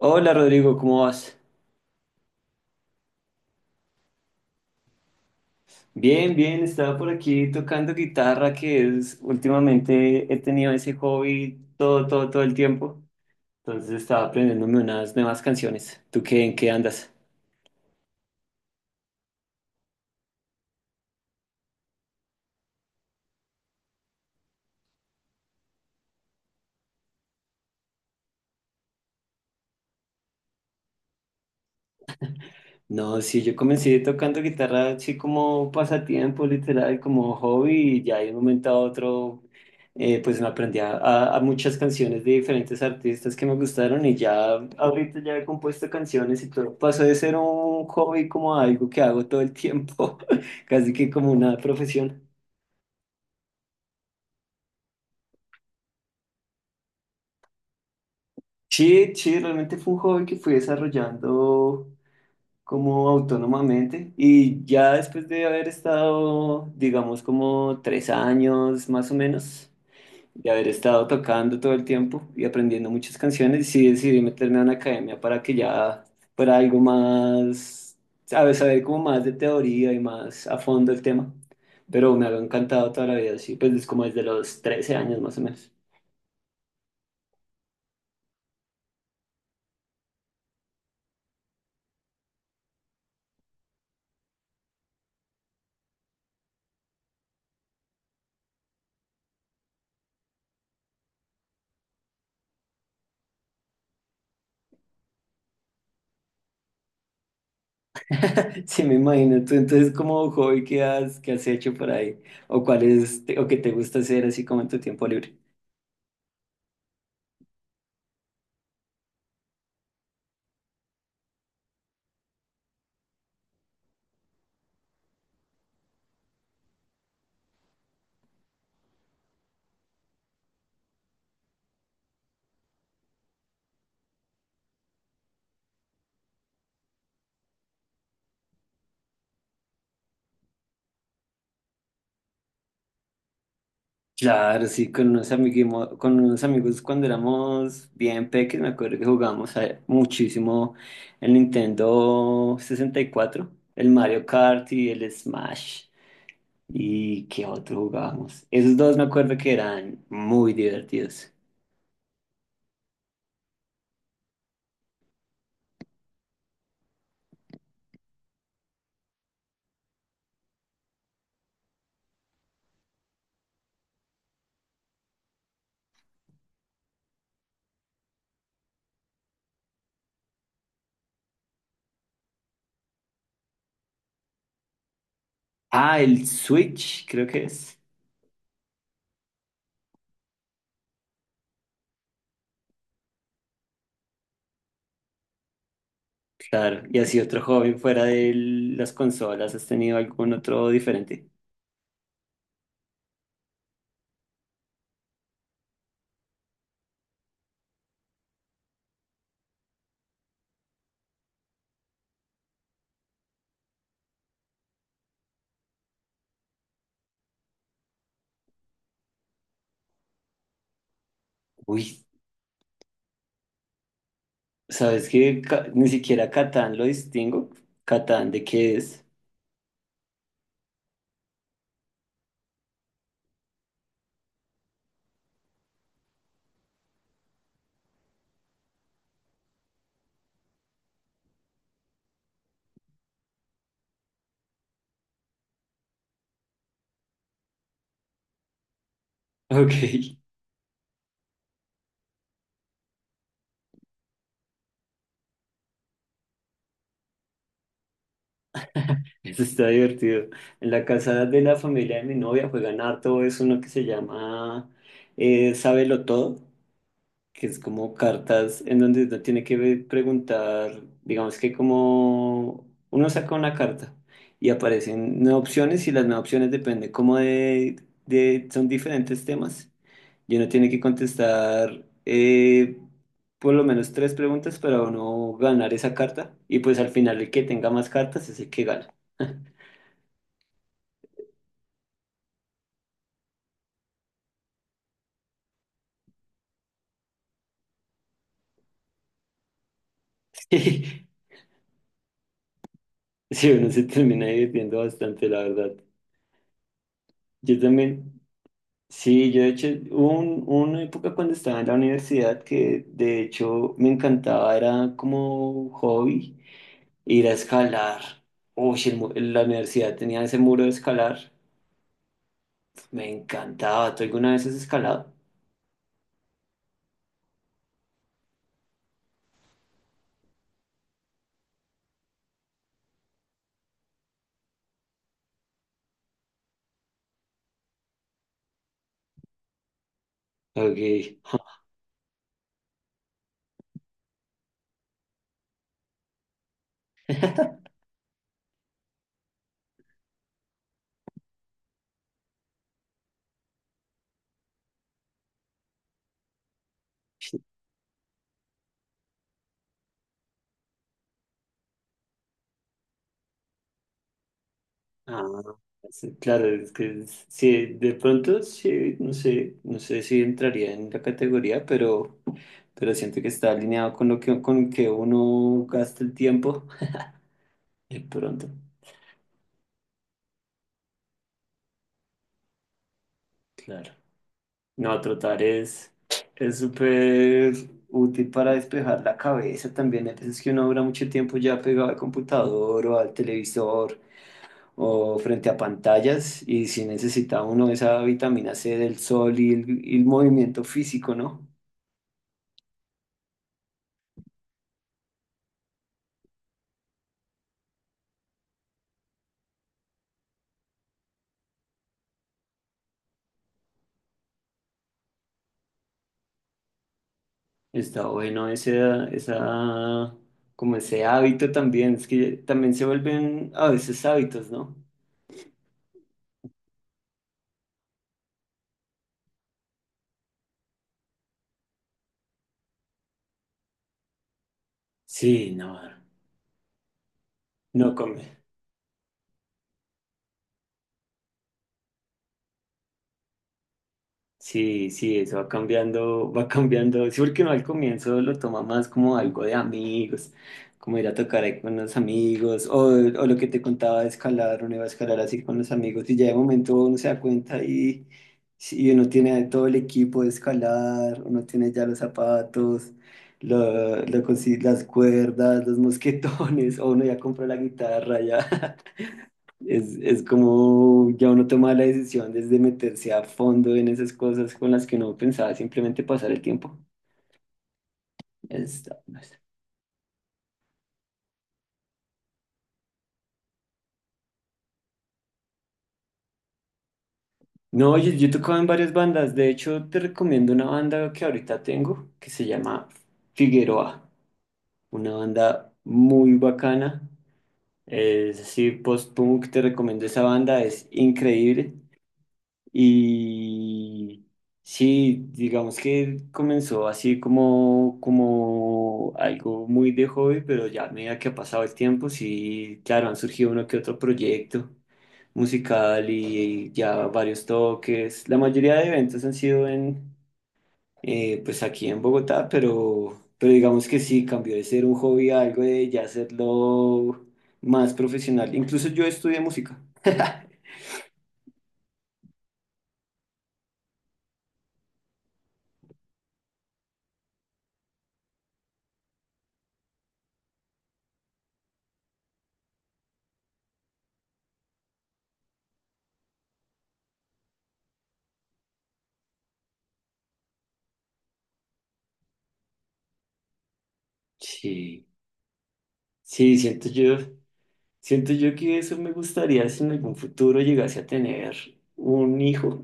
Hola Rodrigo, ¿cómo vas? Bien, bien, estaba por aquí tocando guitarra, que es últimamente he tenido ese hobby todo, todo, todo el tiempo. Entonces estaba aprendiéndome unas nuevas canciones. ¿Tú qué, en qué andas? No, sí, yo comencé tocando guitarra así como pasatiempo, literal, como hobby, y ya de un momento a otro, pues me aprendí a muchas canciones de diferentes artistas que me gustaron y ya ahorita ya he compuesto canciones y todo. Pasó de ser un hobby como a algo que hago todo el tiempo, casi que como una profesión. Sí, sí, realmente fue un hobby que fui desarrollando, como autónomamente, y ya después de haber estado, digamos, como 3 años más o menos, de haber estado tocando todo el tiempo y aprendiendo muchas canciones, sí decidí meterme a una academia para que ya fuera algo más, sabes, saber como más de teoría y más a fondo el tema. Pero me ha encantado toda la vida, sí, pues es como desde los 13 años más o menos. Sí, me imagino. Tú, entonces, como hobby, qué has hecho por ahí? ¿O cuál es, te- o qué te gusta hacer así como en tu tiempo libre? Claro, sí, con unos amiguimo- con unos amigos cuando éramos bien pequeños, me acuerdo que jugábamos a- muchísimo el Nintendo 64, el Mario Kart y el Smash. ¿Y qué otro jugábamos? Esos dos me acuerdo que eran muy divertidos. Ah, el Switch, creo que es. Claro, y así otro joven fuera de las consolas, ¿has tenido algún otro diferente? Uy, ¿sabes qué? Ca- ni siquiera Catán lo distingo. ¿Catán de qué es? Ok. Eso está divertido. En la casa de la familia de mi novia juegan harto, es uno que se llama Sábelo Todo, que es como cartas en donde uno tiene que ve- preguntar. Digamos que como uno saca una carta y aparecen 9 opciones, y las 9 opciones dependen como de son diferentes temas, y uno tiene que contestar, por lo menos 3 preguntas para uno ganar esa carta, y pues al final el que tenga más cartas es el que gana. Sí, uno se termina divirtiendo bastante, la verdad. Yo también. Sí, yo de hecho, hubo una época cuando estaba en la universidad que de hecho me encantaba, era como hobby, ir a escalar. Uy, el mu- la universidad tenía ese muro de escalar, me encantaba. ¿Tú alguna vez has escalado? Ok. Ah, sí, claro, es que es- sí, de pronto sí, no sé, no sé si entraría en la categoría, pero siento que está alineado con lo que, con que uno gasta el tiempo. De pronto, claro. No, trotar es súper útil para despejar la cabeza también. Hay veces que uno dura mucho tiempo ya pegado al computador o al televisor o frente a pantallas y si necesita uno esa vitamina C del sol y el movimiento físico, ¿no? Está bueno ese, esa, como ese hábito también. Es que también se vuelven a veces hábitos, ¿no? Sí, no, no come. Sí, sí, eso va cambiando, va cambiando. Sí, porque uno al comienzo lo toma más como algo de amigos, como ir a tocar ahí con los amigos, o lo que te contaba de escalar, uno iba a escalar así con los amigos, y ya de momento uno se da cuenta y uno tiene todo el equipo de escalar, uno tiene ya los zapatos, lo, lo consi- las cuerdas, los mosquetones, o uno ya compra la guitarra, ya. Es como ya uno toma la decisión desde meterse a fondo en esas cosas con las que uno pensaba simplemente pasar el tiempo. Es- No, yo he tocado en varias bandas. De hecho, te recomiendo una banda que ahorita tengo que se llama Figueroa. Una banda muy bacana. Es así, post-punk. Te recomiendo esa banda. Es increíble. Y sí, digamos que comenzó así como, como algo muy de hobby, pero ya a medida que ha pasado el tiempo, sí, claro, han surgido uno que otro proyecto musical y ya varios toques. La mayoría de eventos han sido en, pues aquí en Bogotá, pero digamos que sí, cambió de ser un hobby a algo de ya hacerlo más profesional. Incluso yo estudié música. Sí, sí, siento yo. Siento yo que eso me gustaría si en algún futuro llegase a tener un hijo,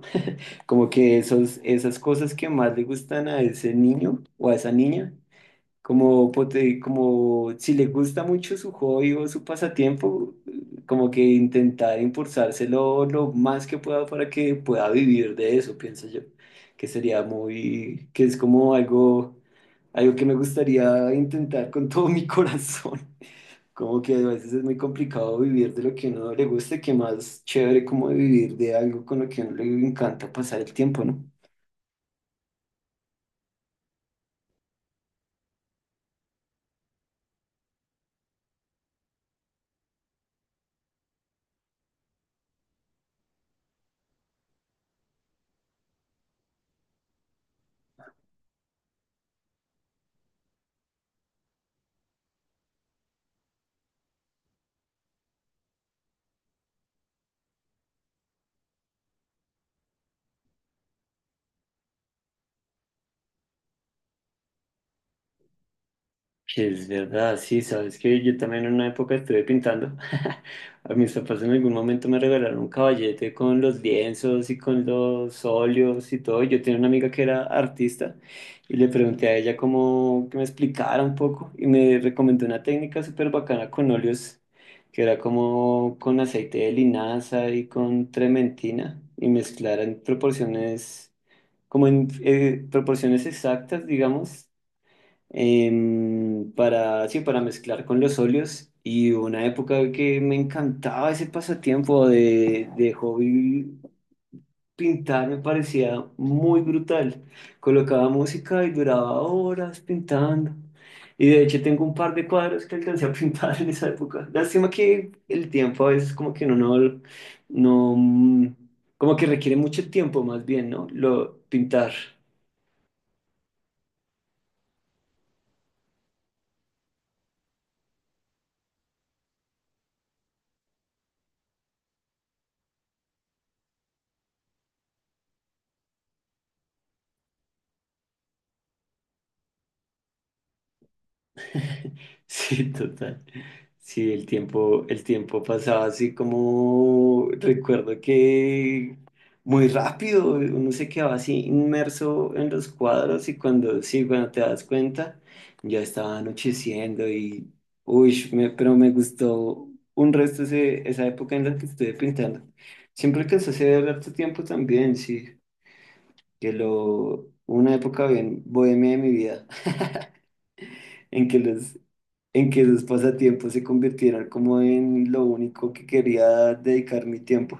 como que esos, esas cosas que más le gustan a ese niño o a esa niña, como, pote- como si le gusta mucho su hobby o su pasatiempo, como que intentar impulsárselo lo más que pueda para que pueda vivir de eso, pienso yo, que sería muy, que es como algo, algo que me gustaría intentar con todo mi corazón. Como que a veces es muy complicado vivir de lo que a uno le gusta, que más chévere como vivir de algo con lo que a uno le encanta pasar el tiempo, ¿no? Es verdad, sí, sabes que yo también en una época estuve pintando. A mis papás en algún momento me regalaron un caballete con los lienzos y con los óleos y todo. Yo tenía una amiga que era artista y le pregunté a ella cómo que me explicara un poco, y me recomendó una técnica súper bacana con óleos que era como con aceite de linaza y con trementina y mezclar en proporciones, como en proporciones exactas, digamos, para, sí, para mezclar con los óleos. Y hubo una época que me encantaba ese pasatiempo de hobby pintar, me parecía muy brutal. Colocaba música y duraba horas pintando. Y de hecho tengo un par de cuadros que alcancé a pintar en esa época. Lástima que el tiempo a veces como que uno no, no, mm, como que requiere mucho tiempo más bien, ¿no? Lo pintar. Sí, total. Sí, el tiempo pasaba así como recuerdo que muy rápido, uno se quedaba así inmerso en los cuadros y cuando sí, cuando te das cuenta, ya estaba anocheciendo y uy, me- pero me gustó un resto ese- esa época en la que estuve pintando. Siempre alcancé a hacer harto tiempo también, sí, que lo una época bien bohemia de mi vida en que los, en que sus pasatiempos se convirtieran como en lo único que quería dedicar mi tiempo.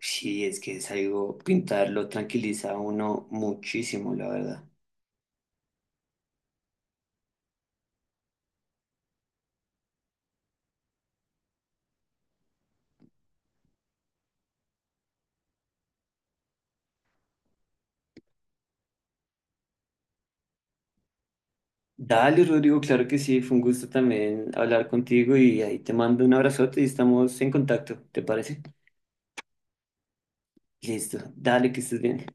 Sí, es que es algo, pintarlo tranquiliza a uno muchísimo, la verdad. Dale, Rodrigo, claro que sí, fue un gusto también hablar contigo y ahí te mando un abrazote y estamos en contacto, ¿te parece? Listo, dale, que estés bien.